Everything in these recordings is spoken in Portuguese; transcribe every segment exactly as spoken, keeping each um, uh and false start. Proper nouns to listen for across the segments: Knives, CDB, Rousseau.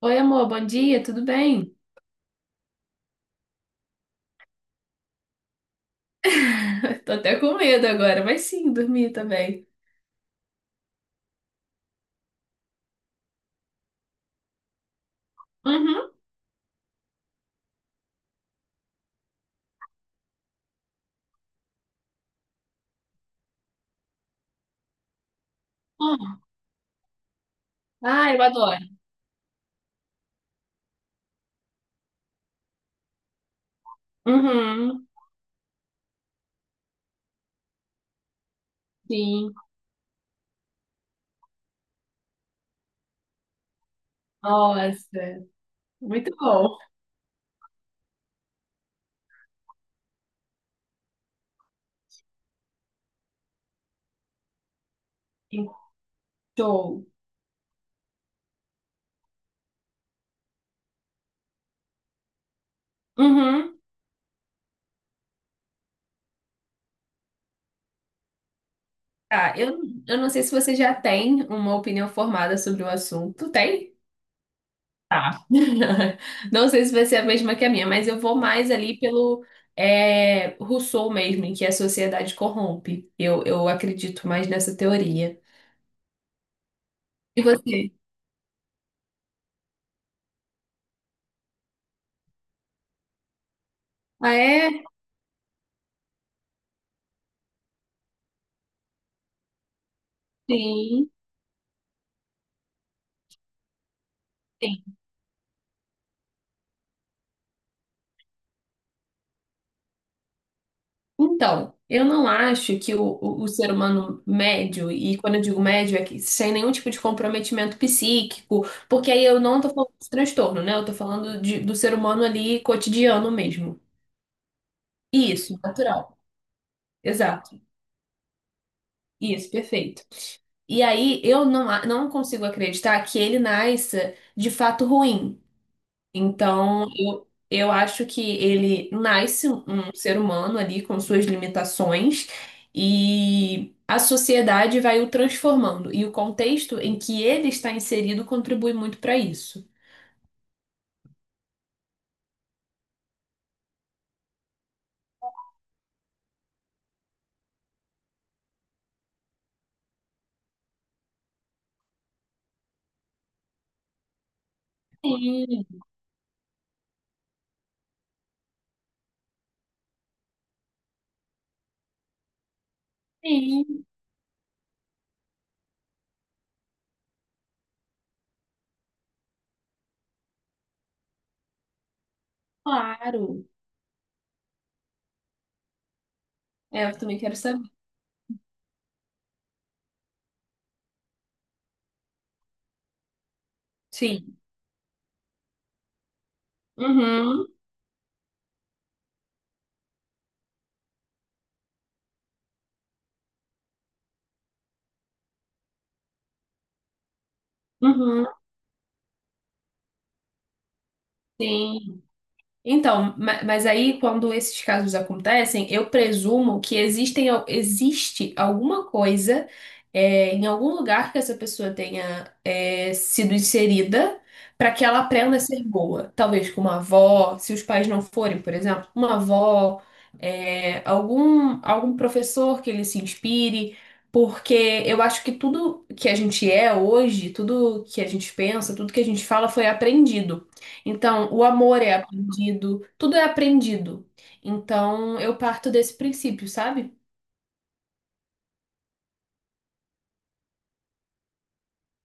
Oi, amor, bom dia, tudo bem? Tô até com medo agora, mas sim, dormi também. Uhum. Ah, ah, eu adoro. Uhum, sim. Nossa, muito bom. Show. Uhum. Tá, eu, eu não sei se você já tem uma opinião formada sobre o assunto. Tem? Tá. Não sei se vai ser a mesma que a minha, mas eu vou mais ali pelo é, Rousseau mesmo, em que a sociedade corrompe. Eu, eu acredito mais nessa teoria. E você? Ah, é? Sim, sim. Então, eu não acho que o, o, o ser humano médio, e quando eu digo médio é que sem nenhum tipo de comprometimento psíquico, porque aí eu não tô falando de transtorno, né? Eu tô falando de- do ser humano ali cotidiano mesmo. Isso, natural. Exato. Isso, perfeito. E aí eu não, a- não consigo acreditar que ele nasça de fato ruim. Então, eu, eu acho que ele nasce um um ser humano ali com suas limitações e a sociedade vai o transformando. E o contexto em que ele está inserido contribui muito para isso. Sim, sim, claro. É, eu também quero saber. Sim. Uhum, uhum, sim. Então, ma- mas aí quando esses casos acontecem, eu presumo que existem, al- existe alguma coisa é, em algum lugar que essa pessoa tenha é, sido inserida para que ela aprenda a ser boa. Talvez com uma avó, se os pais não forem, por exemplo, uma avó, é, algum, algum professor que ele se inspire, porque eu acho que tudo que a gente é hoje, tudo que a gente pensa, tudo que a gente fala foi aprendido. Então, o amor é aprendido, tudo é aprendido. Então, eu parto desse princípio, sabe?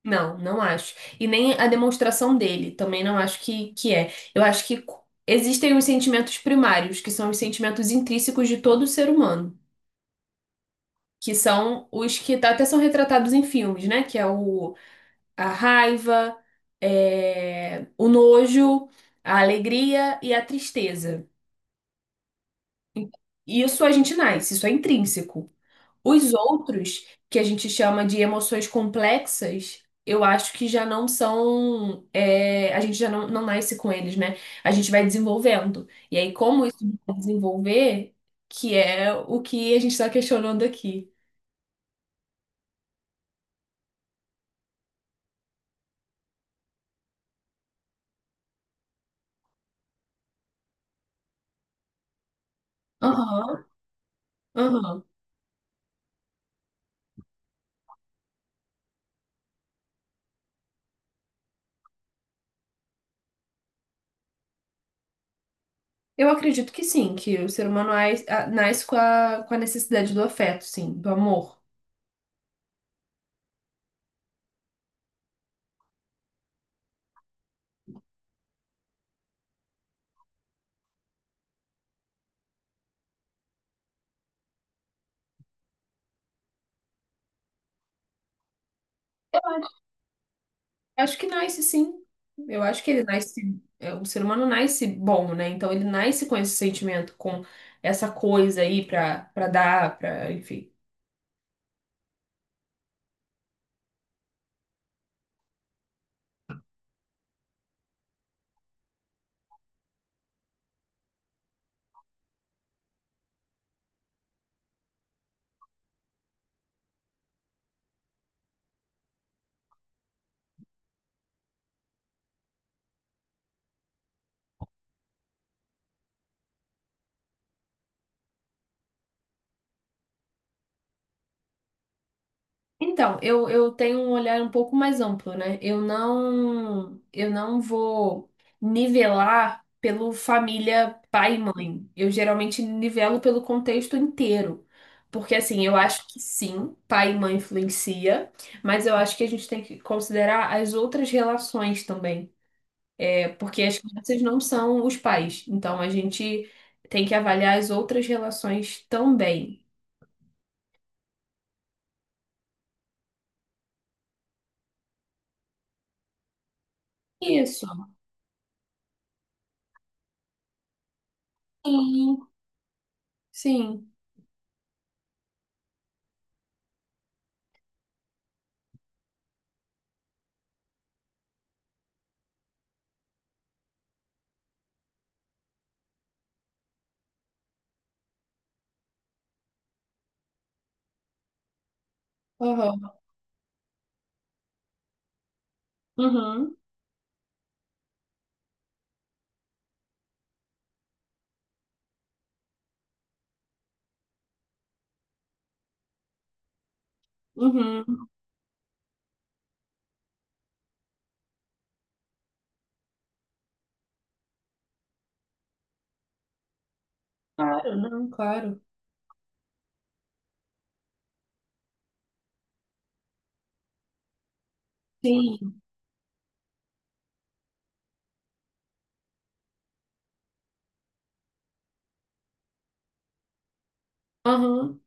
Não, não acho. E nem a demonstração dele, também não acho que, que é. Eu acho que cu- existem os sentimentos primários, que são os sentimentos intrínsecos de todo ser humano, que são os que tá- até são retratados em filmes, né? Que é o, a raiva, é, o nojo, a alegria e a tristeza. E isso a gente nasce, isso é intrínseco. Os outros, que a gente chama de emoções complexas, eu acho que já não são. É, a gente já não, não nasce com eles, né? A gente vai desenvolvendo. E aí, como isso vai desenvolver, que é o que a gente está questionando aqui. Aham, aham. Eu acredito que sim, que o ser humano nas- a- nasce com a, com a necessidade do afeto, sim, do amor. Acho que nasce sim. Eu acho que ele nasce. é, O ser humano nasce bom, né? Então ele nasce com esse sentimento, com essa coisa aí pra, pra dar, pra, enfim. Então, eu, eu tenho um olhar um pouco mais amplo, né? Eu não, eu não vou nivelar pelo família pai e mãe. Eu geralmente nivelo pelo contexto inteiro. Porque assim, eu acho que sim, pai e mãe influencia, mas eu acho que a gente tem que considerar as outras relações também. Porque as crianças não são os pais, então a gente tem que avaliar as outras relações também. Isso. Sim, sim. Aham. Uhum. Uhum. Claro, não, claro. Sim. Aham.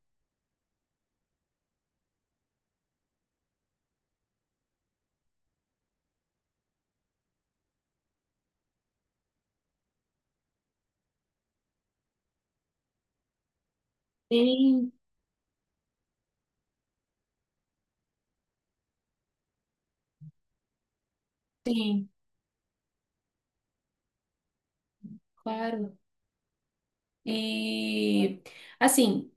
Sim, sim, claro. E assim.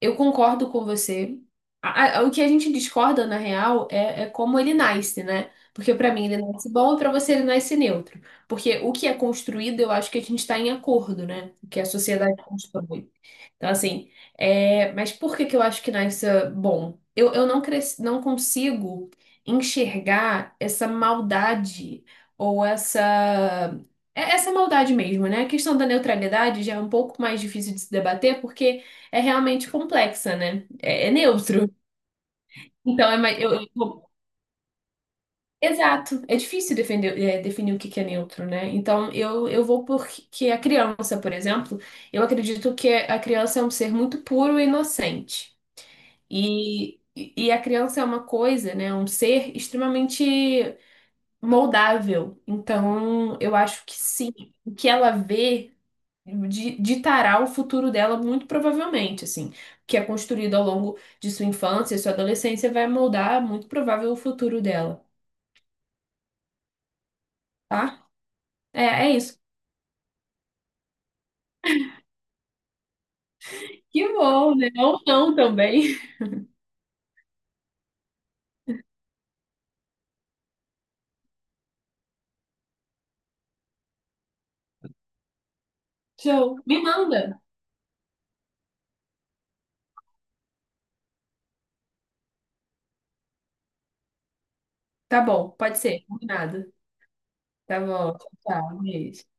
Eu concordo com você. A- a- o que a gente discorda, na real, é, é como ele nasce, né? Porque pra mim ele nasce bom e pra você ele nasce neutro. Porque o que é construído, eu acho que a gente tá em acordo, né? O que a sociedade constrói. Então, assim, é... mas por que que eu acho que Knives é bom? Eu, eu não, cres... não consigo enxergar essa maldade ou essa. é Essa maldade mesmo, né? A questão da neutralidade já é um pouco mais difícil de se debater porque é realmente complexa, né? É, é neutro. Então, é mais... eu, eu- Exato. É difícil defender, é, definir o que que é neutro, né? Então, eu, eu vou porque a criança, por exemplo, eu acredito que a criança é um ser muito puro e inocente. E, e a criança é uma coisa, né? Um ser extremamente moldável. Então, eu acho que sim, o que ela vê di- ditará o futuro dela muito provavelmente, assim. O que é construído ao longo de sua infância e sua adolescência vai moldar muito provável o futuro dela, tá? É, é isso. Que bom, né? Ou não também. Show. Me manda. Tá bom, pode ser. Combinado. Tá bom. Tchau, tchau. Beijo.